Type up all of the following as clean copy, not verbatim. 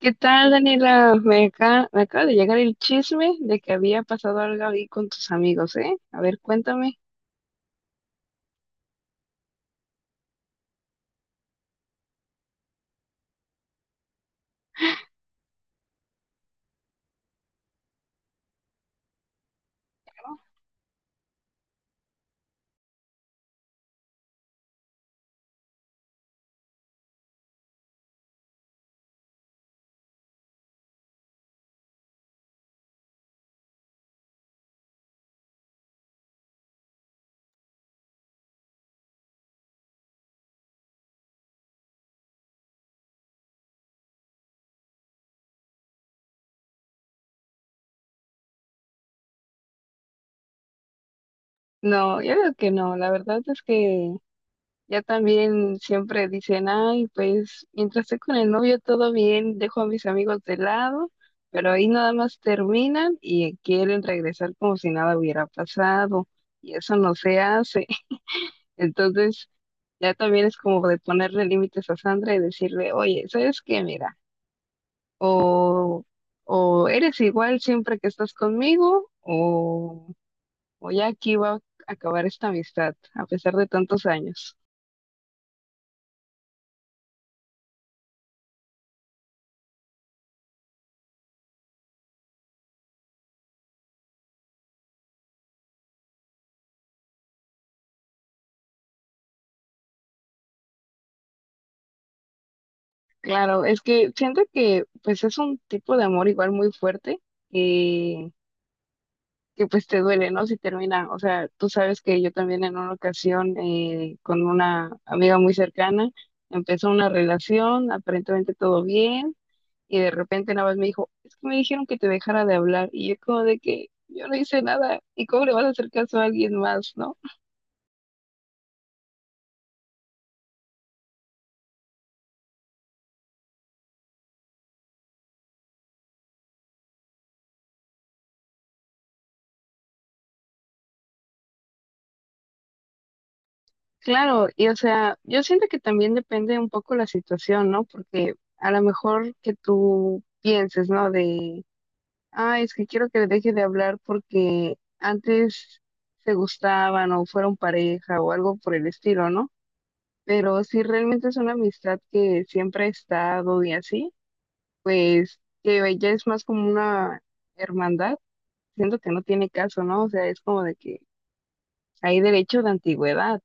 ¿Qué tal, Daniela? Me acaba de llegar el chisme de que había pasado algo ahí con tus amigos, ¿eh? A ver, cuéntame. No, yo digo que no. La verdad es que ya también siempre dicen, ay, pues mientras esté con el novio todo bien, dejo a mis amigos de lado, pero ahí nada más terminan y quieren regresar como si nada hubiera pasado y eso no se hace. Entonces ya también es como de ponerle límites a Sandra y decirle, oye, ¿sabes qué? Mira. O, o eres igual siempre que estás conmigo, o ya aquí va a acabar esta amistad, a pesar de tantos años. Claro, es que siento que pues es un tipo de amor igual muy fuerte, eh, que pues te duele, ¿no? Si termina, o sea, tú sabes que yo también en una ocasión, con una amiga muy cercana empezó una relación, aparentemente todo bien. Y de repente nada más me dijo, es que me dijeron que te dejara de hablar. Y yo como de que yo no hice nada. ¿Y cómo le vas a hacer caso a alguien más, no? Claro, y o sea, yo siento que también depende un poco la situación, ¿no? Porque a lo mejor que tú pienses, ¿no? De, ah, es que quiero que le deje de hablar porque antes se gustaban o fueron pareja o algo por el estilo, ¿no? Pero si realmente es una amistad que siempre ha estado y así, pues que ya es más como una hermandad, siento que no tiene caso, ¿no? O sea, es como de que hay derecho de antigüedad.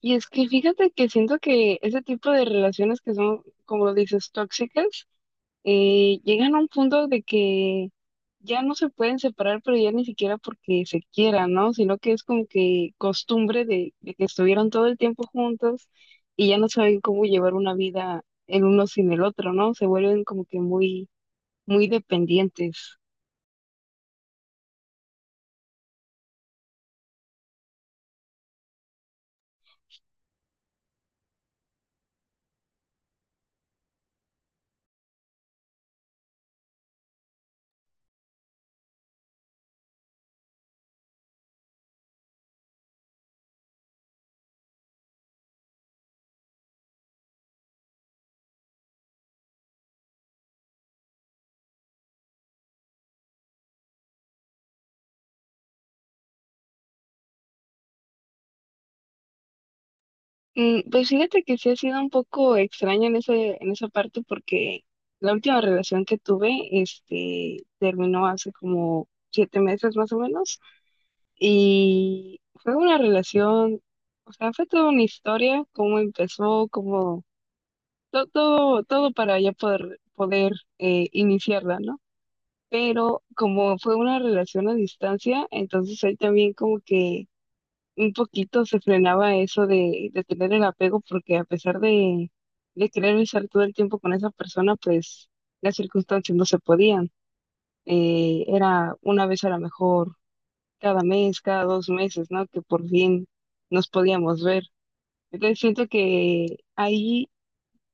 Y es que fíjate que siento que ese tipo de relaciones que son, como lo dices, tóxicas, llegan a un punto de que ya no se pueden separar, pero ya ni siquiera porque se quieran, ¿no? Sino que es como que costumbre de que estuvieron todo el tiempo juntos y ya no saben cómo llevar una vida el uno sin el otro, ¿no? Se vuelven como que muy muy dependientes. Mm. Pues fíjate que sí ha sido un poco extraño en esa parte porque la última relación que tuve, terminó hace como 7 meses más o menos y fue una relación, o sea, fue toda una historia, cómo empezó, cómo todo, todo, todo para ya poder iniciarla, ¿no? Pero como fue una relación a distancia, entonces ahí también como que un poquito se frenaba eso de tener el apego, porque a pesar de querer estar todo el tiempo con esa persona, pues las circunstancias no se podían. Era una vez a lo mejor cada mes, cada 2 meses, ¿no? Que por fin nos podíamos ver. Entonces siento que ahí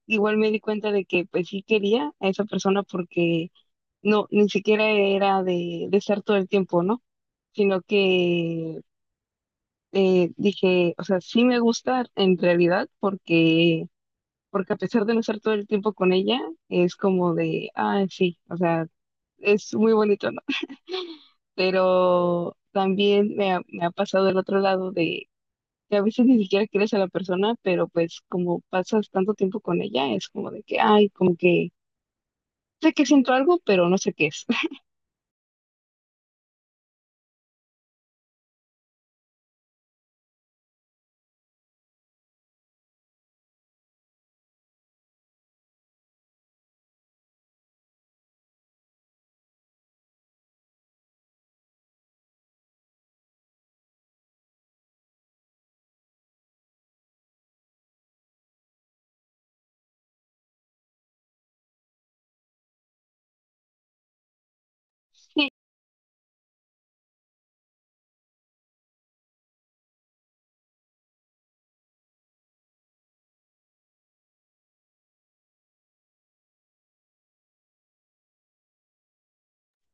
igual me di cuenta de que pues sí quería a esa persona porque no, ni siquiera era de estar todo el tiempo, ¿no? Sino que, dije, o sea, sí me gusta en realidad, porque a pesar de no estar todo el tiempo con ella, es como de, ah, sí, o sea, es muy bonito, ¿no? Pero también me ha pasado el otro lado de que a veces ni siquiera quieres a la persona, pero pues como pasas tanto tiempo con ella, es como de que, ay, como que sé que siento algo, pero no sé qué es.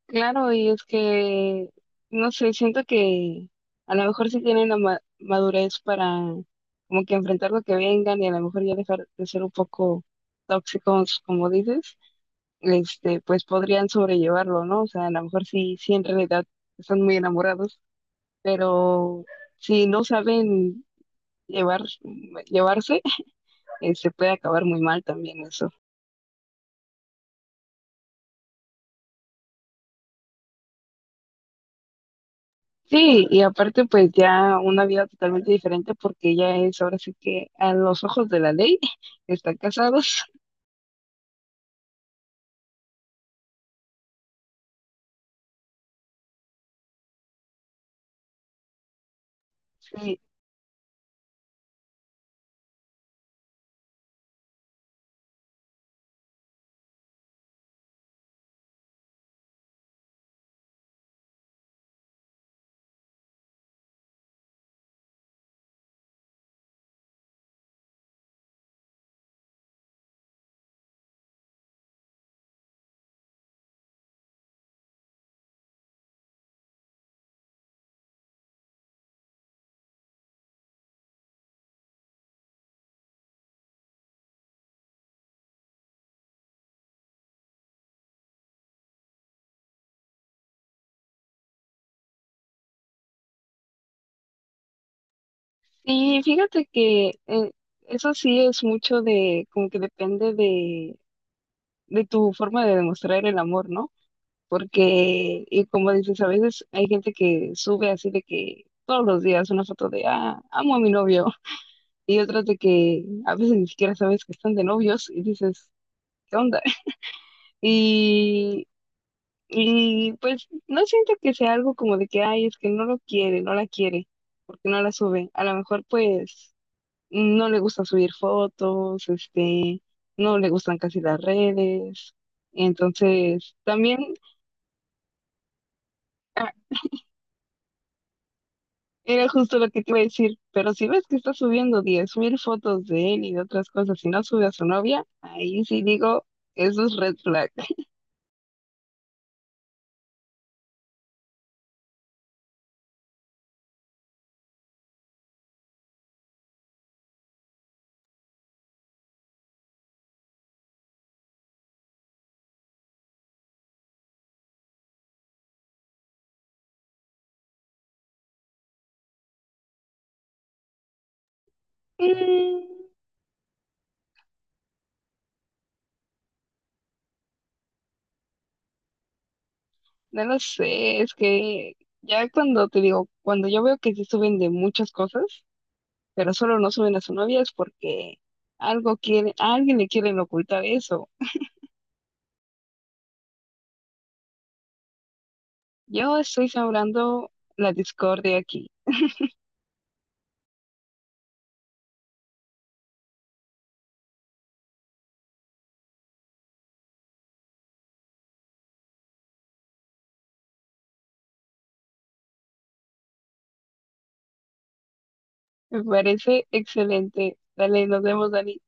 Claro, y es que, no sé, siento que a lo mejor sí tienen la madurez para como que enfrentar lo que vengan y a lo mejor ya dejar de ser un poco tóxicos, como dices. Pues podrían sobrellevarlo, ¿no? O sea, a lo mejor sí, sí en realidad están muy enamorados, pero si no saben llevar, llevarse, se puede acabar muy mal también eso. Sí, y aparte pues ya una vida totalmente diferente porque ella es ahora sí que a los ojos de la ley están casados. Sí, y fíjate que, eso sí es mucho de, como que depende de tu forma de demostrar el amor, ¿no? Porque, y como dices, a veces hay gente que sube así de que todos los días una foto de, ah, amo a mi novio, y otras de que a veces ni siquiera sabes que están de novios y dices, ¿qué onda? Y, Y pues no siento que sea algo como de que, ay, es que no lo quiere, no la quiere, porque no la sube. A lo mejor pues no le gusta subir fotos, este, no le gustan casi las redes. Entonces, también, ah, era justo lo que te iba a decir, pero si ves que está subiendo 10 mil fotos de él y de otras cosas y no sube a su novia, ahí sí digo, eso es red flag. Mm. No lo sé, es que ya cuando te digo, cuando yo veo que sí suben de muchas cosas, pero solo no suben a su novia es porque algo quiere, a alguien le quieren ocultar eso. Yo estoy sembrando la discordia aquí. Me parece excelente. Dale, nos vemos, Dani.